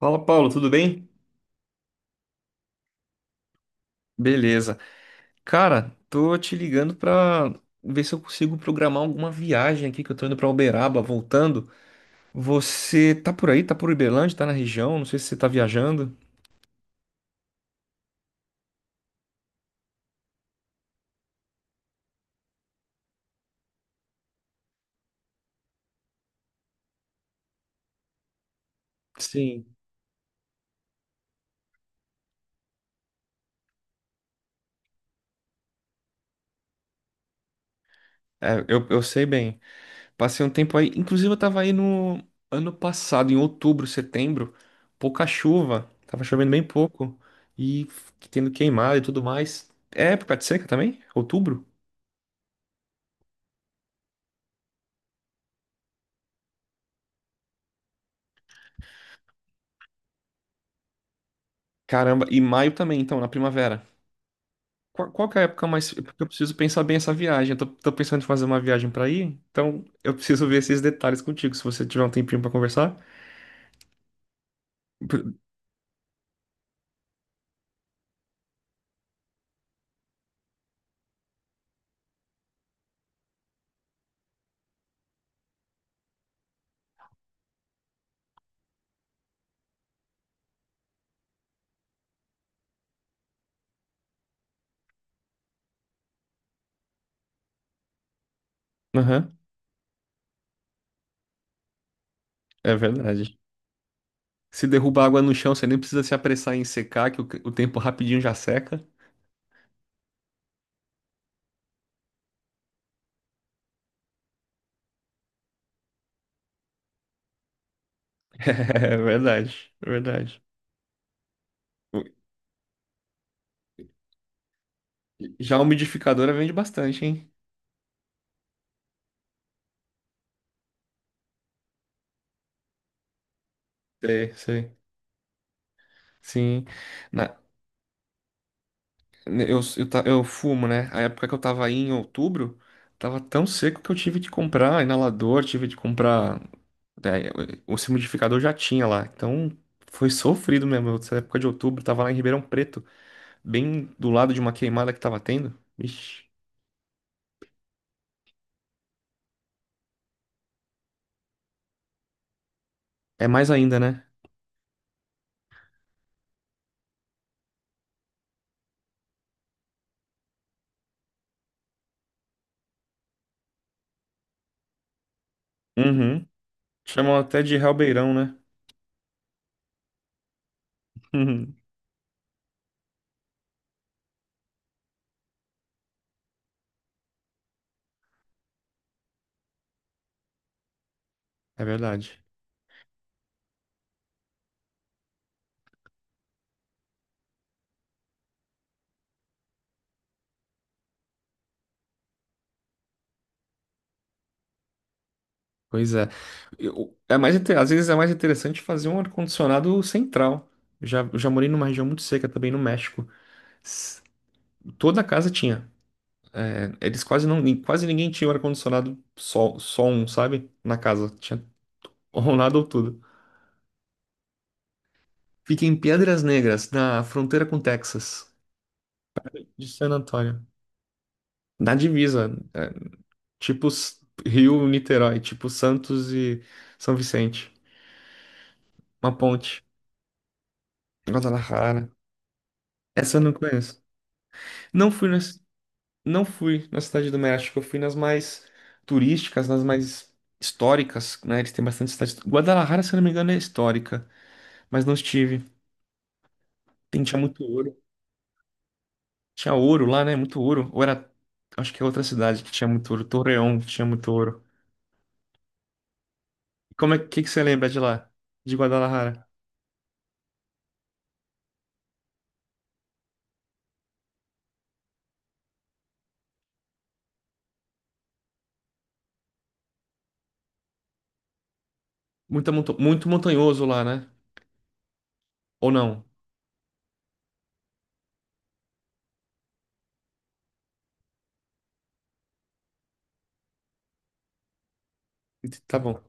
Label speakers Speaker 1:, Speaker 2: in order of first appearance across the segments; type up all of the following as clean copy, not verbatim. Speaker 1: Fala, Paulo, tudo bem? Beleza. Cara, tô te ligando pra ver se eu consigo programar alguma viagem aqui que eu tô indo pra Uberaba, voltando. Você tá por aí? Tá por Uberlândia? Tá na região? Não sei se você tá viajando. Sim. É, eu sei bem. Passei um tempo aí. Inclusive, eu tava aí no ano passado, em outubro, setembro. Pouca chuva. Tava chovendo bem pouco. E tendo queimado e tudo mais. É época de seca também? Outubro? Caramba. E maio também, então, na primavera. Qual que é a época mais. Porque eu preciso pensar bem essa viagem. Eu tô pensando em fazer uma viagem pra ir, então eu preciso ver esses detalhes contigo, se você tiver um tempinho pra conversar. Por- Aham, é verdade. Se derrubar água no chão, você nem precisa se apressar em secar, que o tempo rapidinho já seca. É verdade, é verdade. O- Já a umidificadora vende bastante, hein? Sei, sei. Sim. Na- eu fumo, né? A época que eu tava aí em outubro, tava tão seco que eu tive de comprar inalador, tive de comprar. É, o umidificador já tinha lá, então foi sofrido mesmo. Nessa época de outubro, tava lá em Ribeirão Preto, bem do lado de uma queimada que tava tendo. Ixi, é mais ainda, né? Uhum. Chamam até de Realbeirão, né? Uhum. É verdade. Pois é. É mais, às vezes é mais interessante fazer um ar-condicionado central. Eu já morei numa região muito seca também no México. S- Toda casa tinha. É, eles quase não, quase ninguém tinha um ar-condicionado só, só um, sabe? Na casa. Tinha. Ou nada ou tudo. Fica em Piedras Negras, na fronteira com Texas, de San Antonio. Na divisa, é, tipo S- Rio, Niterói, tipo Santos e São Vicente. Uma ponte. Guadalajara. Essa eu não conheço. Não fui nas, não fui na Cidade do México, eu fui nas mais turísticas, nas mais históricas, né? Eles têm bastante cidade. Guadalajara, se eu não me engano, é histórica, mas não estive. Tem, tinha muito ouro. Tinha ouro lá, né? Muito ouro. Ou era. Acho que é outra cidade que tinha muito ouro. Torreão tinha muito ouro. E como é que você lembra de lá? De Guadalajara? Muito montanhoso lá, né? Ou não? Tá bom.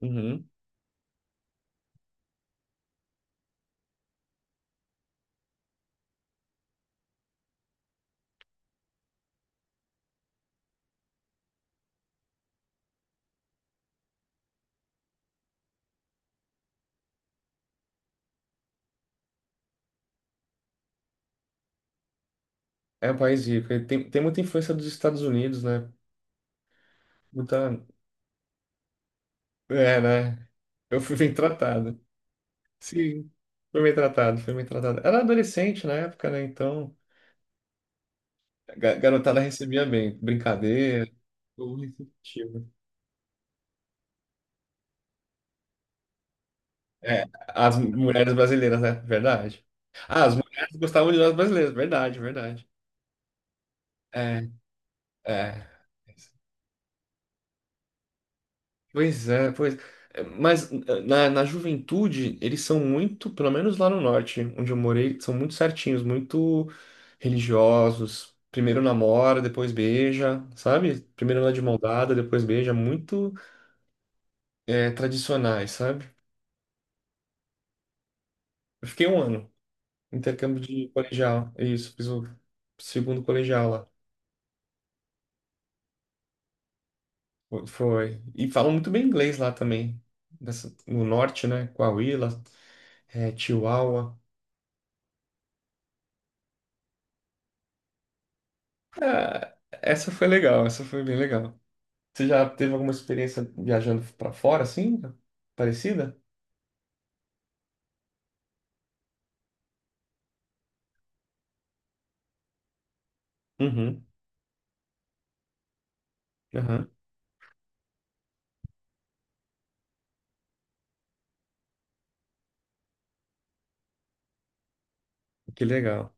Speaker 1: Uhum. É um país rico. Ele Tem, tem muita influência dos Estados Unidos, né? Muita. É, né? Eu fui bem tratado. Sim. Fui bem tratado, fui bem tratado. Era adolescente na época, né? Então, a garotada recebia bem. Brincadeira, tudo receptivo. É, as mulheres brasileiras, né? Verdade. Ah, as mulheres gostavam de nós brasileiros, verdade, verdade. É, é. Pois é, pois. É, mas eh, na juventude, eles são muito, pelo menos lá no norte, onde eu morei, são muito certinhos, muito religiosos. Primeiro namora, depois beija, sabe? Primeiro anda de mão dada, depois beija, muito é, tradicionais, sabe? Eu fiquei um ano, intercâmbio de colegial, é isso, fiz o segundo colegial lá. Foi. Foi. E falam muito bem inglês lá também. No norte, né? Coahuila, é, Chihuahua. Ah, essa foi legal, essa foi bem legal. Você já teve alguma experiência viajando pra fora, assim? Parecida? Uhum. Aham. Que legal.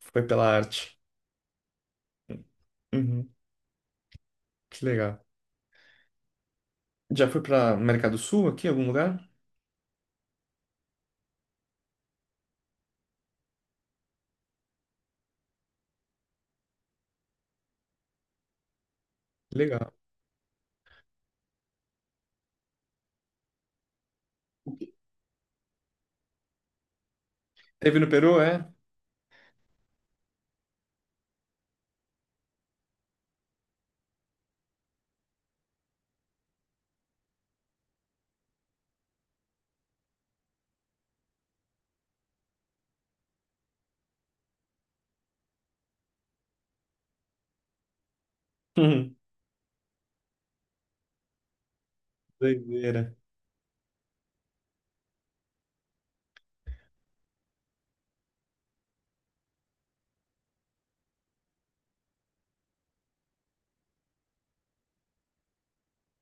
Speaker 1: Foi pela arte. Uhum. Que legal. Já foi pra América do Sul aqui, em algum lugar? Legal. Teve no Peru, é? Uhum. Doideira.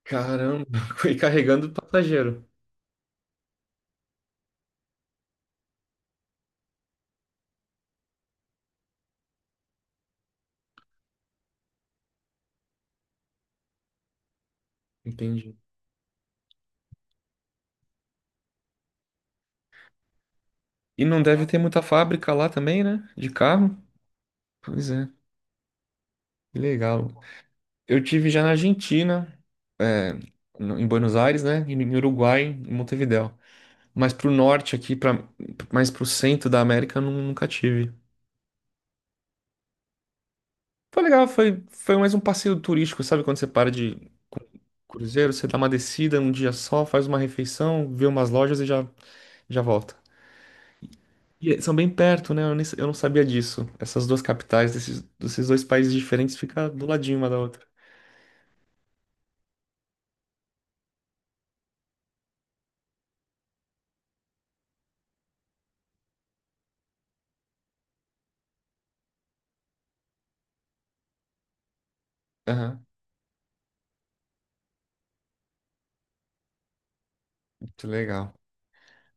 Speaker 1: Caramba. Foi carregando passageiro. Entendi. E não deve ter muita fábrica lá também, né? De carro. Pois é, que legal. Eu tive já na Argentina, é, em Buenos Aires, né? E no Uruguai, em Montevidéu. Mas pro norte aqui, pra, mais pro centro da América, eu nunca tive. Foi legal, foi, foi mais um passeio turístico, sabe? Quando você para de cru- cruzeiro, você dá uma descida um dia só, faz uma refeição, vê umas lojas e já volta. E eh, são bem perto, né? Eu, eu não sabia disso. Essas duas capitais desses, desses dois países diferentes ficam do ladinho uma da outra. Aham, muito legal.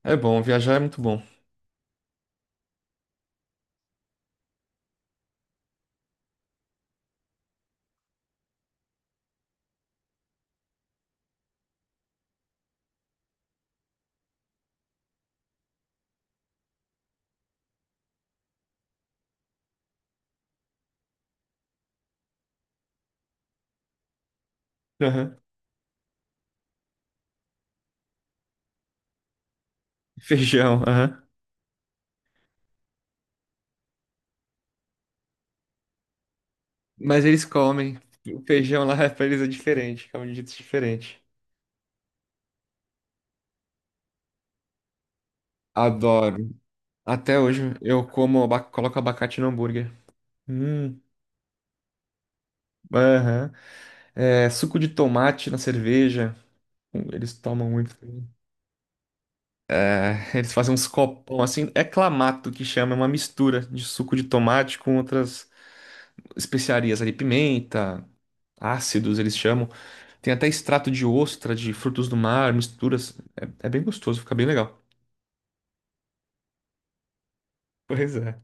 Speaker 1: É bom, viajar é muito bom. Aham. Feijão, aham. Mas eles comem. O feijão lá pra eles é diferente, é um jeito diferente. Adoro. Até hoje eu como, coloco abacate no hambúrguer. Hum, aham. É, suco de tomate na cerveja. Eles tomam muito. É, eles fazem uns copão assim. É clamato que chama, é uma mistura de suco de tomate com outras especiarias ali, pimenta, ácidos, eles chamam. Tem até extrato de ostra, de frutos do mar, misturas. É, é bem gostoso, fica bem legal. Pois é.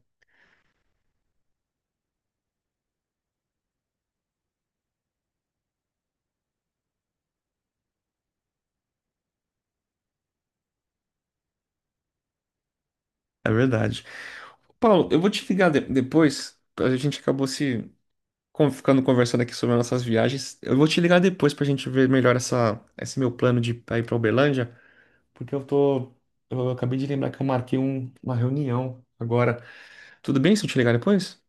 Speaker 1: É verdade. Paulo, eu vou te ligar depois. A gente acabou se ficando conversando aqui sobre as nossas viagens. Eu vou te ligar depois pra gente ver melhor esse meu plano de pra ir pra Uberlândia, porque eu tô. Eu acabei de lembrar que eu marquei uma reunião agora. Tudo bem se eu te ligar depois?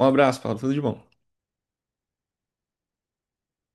Speaker 1: Um abraço, Paulo. Tudo de bom.